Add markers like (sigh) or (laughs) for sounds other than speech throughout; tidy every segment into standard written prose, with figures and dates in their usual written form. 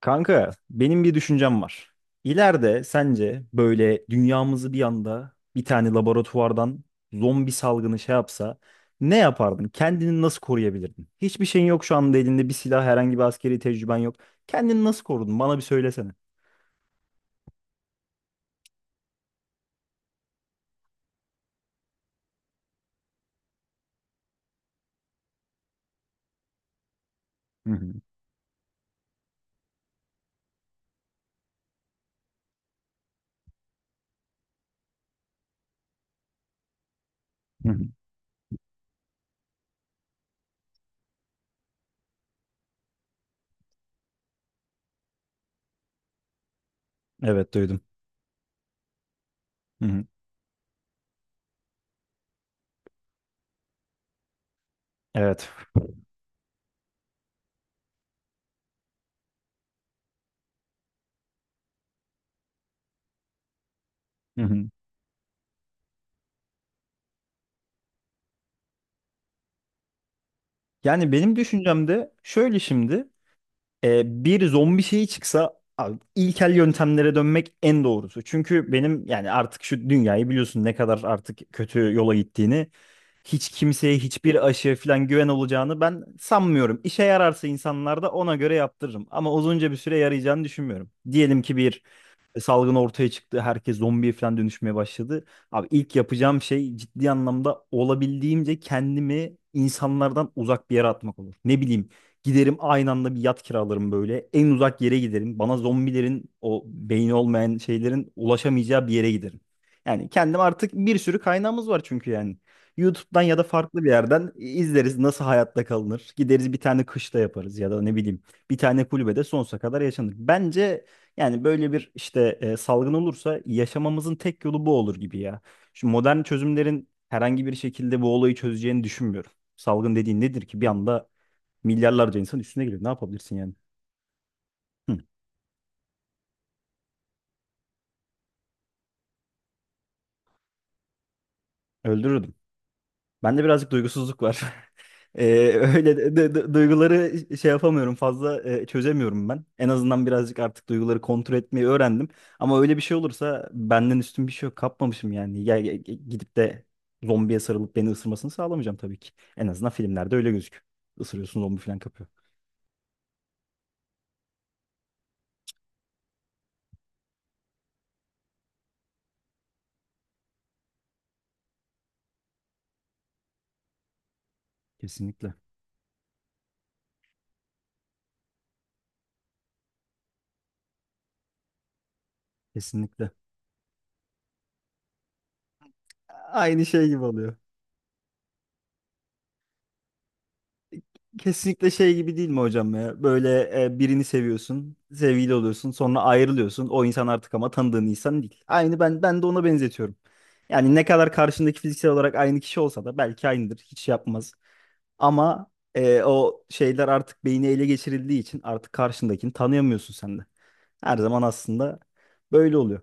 Kanka, benim bir düşüncem var. İleride sence böyle dünyamızı bir anda bir tane laboratuvardan zombi salgını şey yapsa ne yapardın? Kendini nasıl koruyabilirdin? Hiçbir şeyin yok şu anda elinde bir silah, herhangi bir askeri tecrüben yok. Kendini nasıl korudun? Bana bir söylesene. Hı hı. Hı hı. Evet duydum. Hı hı. Evet. Hı hı. Yani benim düşüncem de şöyle şimdi. E, bir zombi şeyi çıksa abi, ilkel yöntemlere dönmek en doğrusu. Çünkü benim yani artık şu dünyayı biliyorsun ne kadar artık kötü yola gittiğini. Hiç kimseye hiçbir aşı falan güven olacağını ben sanmıyorum. İşe yararsa insanlar da ona göre yaptırırım. Ama uzunca bir süre yarayacağını düşünmüyorum. Diyelim ki bir salgın ortaya çıktı. Herkes zombiye falan dönüşmeye başladı. Abi ilk yapacağım şey ciddi anlamda olabildiğimce kendimi insanlardan uzak bir yere atmak olur. Ne bileyim, giderim aynı anda bir yat kiralarım böyle. En uzak yere giderim. Bana zombilerin o beyni olmayan şeylerin ulaşamayacağı bir yere giderim. Yani kendim artık bir sürü kaynağımız var çünkü yani. YouTube'dan ya da farklı bir yerden izleriz nasıl hayatta kalınır. Gideriz bir tane kışla yaparız ya da ne bileyim bir tane kulübede sonsuza kadar yaşanır. Bence yani böyle bir işte salgın olursa yaşamamızın tek yolu bu olur gibi ya. Şu modern çözümlerin herhangi bir şekilde bu olayı çözeceğini düşünmüyorum. Salgın dediğin nedir ki? Bir anda milyarlarca insan üstüne geliyor. Ne yapabilirsin yani? Hı, öldürürdüm. Bende birazcık duygusuzluk var. (laughs) Ee, Öyle duyguları şey yapamıyorum fazla, çözemiyorum ben. En azından birazcık artık duyguları kontrol etmeyi öğrendim. Ama öyle bir şey olursa benden üstün bir şey yok. Kapmamışım yani. Gidip de zombiye sarılıp beni ısırmasını sağlamayacağım tabii ki. En azından filmlerde öyle gözüküyor. Isırıyorsun zombi falan kapıyor. Kesinlikle. Kesinlikle. Aynı şey gibi oluyor. Kesinlikle şey gibi değil mi hocam ya? Böyle, birini seviyorsun, sevgili oluyorsun, sonra ayrılıyorsun. O insan artık ama tanıdığın insan değil. Aynı ben de ona benzetiyorum. Yani ne kadar karşındaki fiziksel olarak aynı kişi olsa da belki aynıdır, hiç şey yapmaz. Ama o şeyler artık beyni ele geçirildiği için artık karşındakini tanıyamıyorsun sen de. Her zaman aslında böyle oluyor.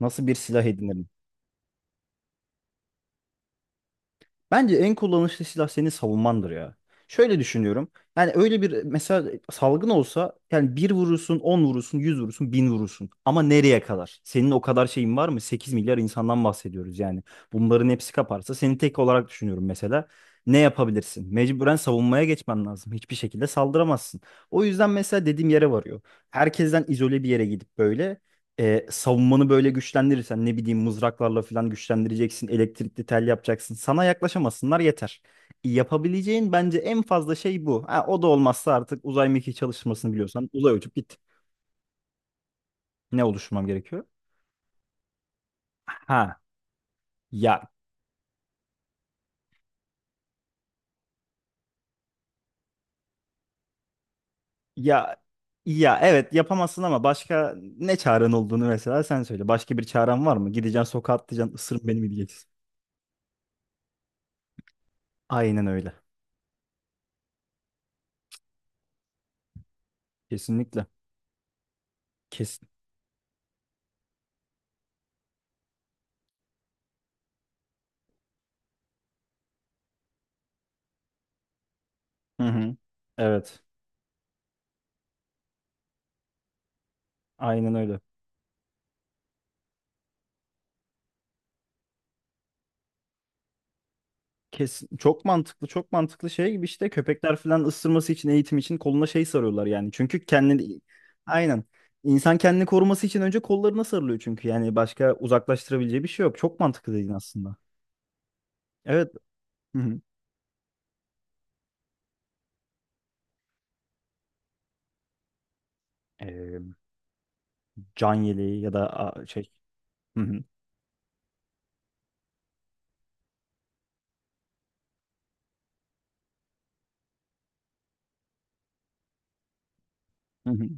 Nasıl bir silah edinirim? Bence en kullanışlı silah senin savunmandır ya. Şöyle düşünüyorum. Yani öyle bir mesela salgın olsa yani bir vurursun, 10 vurursun, 100 vurursun, 1000 vurursun. Ama nereye kadar? Senin o kadar şeyin var mı? 8 milyar insandan bahsediyoruz yani. Bunların hepsi kaparsa seni tek olarak düşünüyorum mesela. Ne yapabilirsin? Mecburen savunmaya geçmen lazım. Hiçbir şekilde saldıramazsın. O yüzden mesela dediğim yere varıyor. Herkesten izole bir yere gidip böyle savunmanı böyle güçlendirirsen ne bileyim mızraklarla falan güçlendireceksin, elektrikli tel yapacaksın. Sana yaklaşamasınlar yeter. Yapabileceğin bence en fazla şey bu. Ha, o da olmazsa artık uzay mekiği çalışmasını biliyorsan uzay uçup git. Ne oluşturmam gerekiyor? Ha, ya, ya evet yapamazsın ama başka ne çaren olduğunu mesela sen söyle. Başka bir çaren var mı? Gideceksin sokağa atlayacaksın ısırın beni mi diyeceksin? Aynen öyle. Kesinlikle. Kesin. Hı hı. Evet. Aynen öyle. Kesin, çok mantıklı, çok mantıklı, şey gibi işte köpekler falan ısırması için eğitim için koluna şey sarıyorlar yani. Çünkü kendini, aynen, insan kendini koruması için önce kollarına sarılıyor çünkü yani başka uzaklaştırabileceği bir şey yok. Çok mantıklı dedin aslında. Evet. Hı hı. Ee, Can yeleği ya da, a, şey. Hı hı. Hı hı.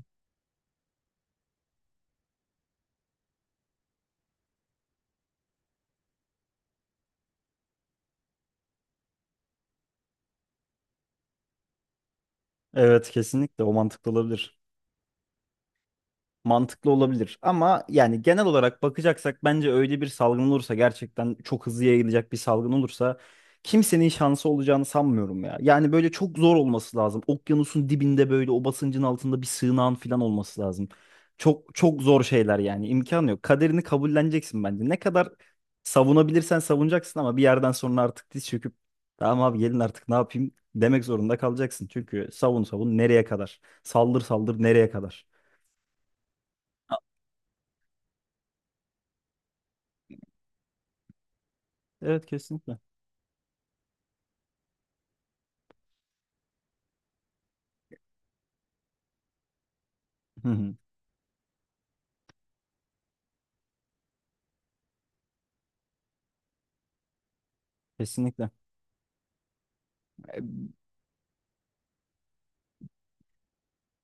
Evet kesinlikle o mantıklı olabilir. Mantıklı olabilir ama yani genel olarak bakacaksak bence öyle bir salgın olursa gerçekten çok hızlı yayılacak bir salgın olursa kimsenin şansı olacağını sanmıyorum ya. Yani böyle çok zor olması lazım. Okyanusun dibinde böyle o basıncın altında bir sığınağın falan olması lazım. Çok çok zor şeyler yani imkan yok. Kaderini kabulleneceksin bence. Ne kadar savunabilirsen savunacaksın ama bir yerden sonra artık diz çöküp tamam abi gelin artık ne yapayım demek zorunda kalacaksın. Çünkü savun savun nereye kadar? Saldır saldır nereye kadar? Evet kesinlikle. Hı hı, kesinlikle.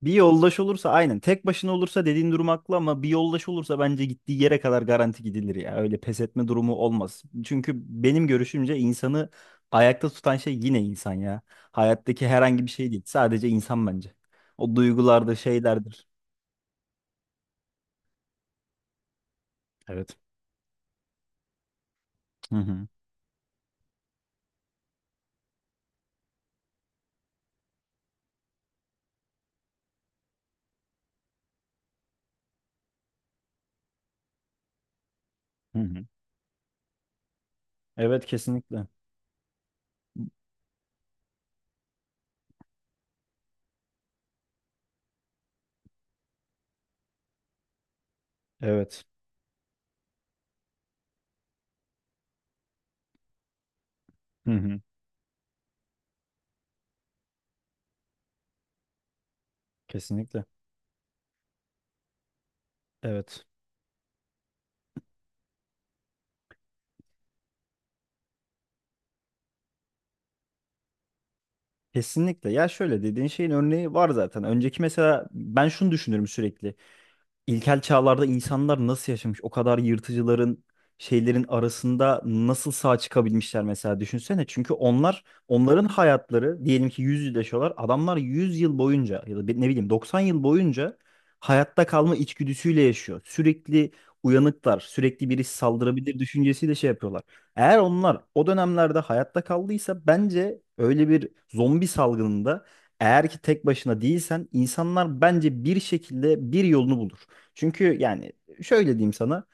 Bir yoldaş olursa aynen. Tek başına olursa dediğin durum haklı ama bir yoldaş olursa bence gittiği yere kadar garanti gidilir ya. Öyle pes etme durumu olmaz. Çünkü benim görüşümce insanı ayakta tutan şey yine insan ya. Hayattaki herhangi bir şey değil. Sadece insan bence. O duygulardır, şeylerdir. Evet. Hı hı. Hı hı. Evet kesinlikle. Evet. Hı hı. Kesinlikle. Evet. Kesinlikle. Ya şöyle dediğin şeyin örneği var zaten. Önceki, mesela ben şunu düşünürüm sürekli. İlkel çağlarda insanlar nasıl yaşamış? O kadar yırtıcıların şeylerin arasında nasıl sağ çıkabilmişler mesela düşünsene. Çünkü onlar, onların hayatları diyelim ki 100 yıl yaşıyorlar. Adamlar 100 yıl boyunca ya da ne bileyim 90 yıl boyunca hayatta kalma içgüdüsüyle yaşıyor. Sürekli uyanıklar, sürekli birisi saldırabilir düşüncesiyle şey yapıyorlar. Eğer onlar o dönemlerde hayatta kaldıysa bence öyle bir zombi salgınında eğer ki tek başına değilsen insanlar bence bir şekilde bir yolunu bulur. Çünkü yani şöyle diyeyim sana.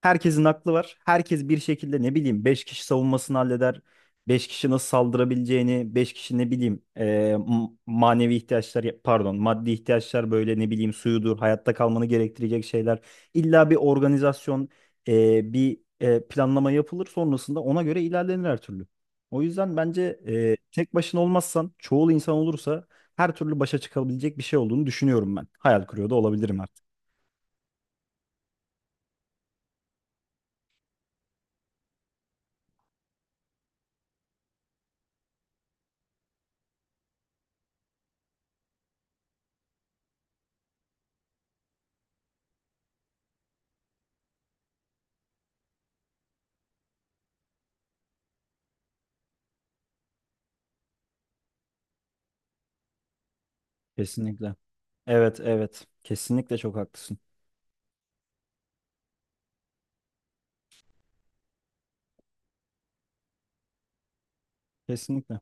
Herkesin aklı var. Herkes bir şekilde, ne bileyim, 5 kişi savunmasını halleder. Beş kişi nasıl saldırabileceğini, 5 kişi, ne bileyim, manevi ihtiyaçlar, pardon, maddi ihtiyaçlar, böyle ne bileyim suyudur, hayatta kalmanı gerektirecek şeyler. İlla bir organizasyon, bir planlama yapılır sonrasında ona göre ilerlenir her türlü. O yüzden bence tek başına olmazsan, çoğul insan olursa her türlü başa çıkabilecek bir şey olduğunu düşünüyorum ben. Hayal kuruyor da olabilirim artık. Kesinlikle. Evet, evet. Kesinlikle çok haklısın. Kesinlikle.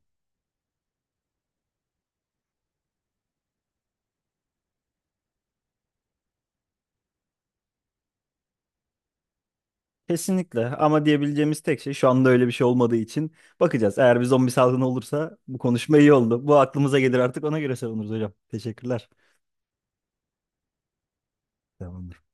Kesinlikle. Ama diyebileceğimiz tek şey şu anda öyle bir şey olmadığı için bakacağız. Eğer bir zombi salgını olursa bu konuşma iyi oldu. Bu aklımıza gelir artık, ona göre savunuruz hocam. Teşekkürler. Tamamdır.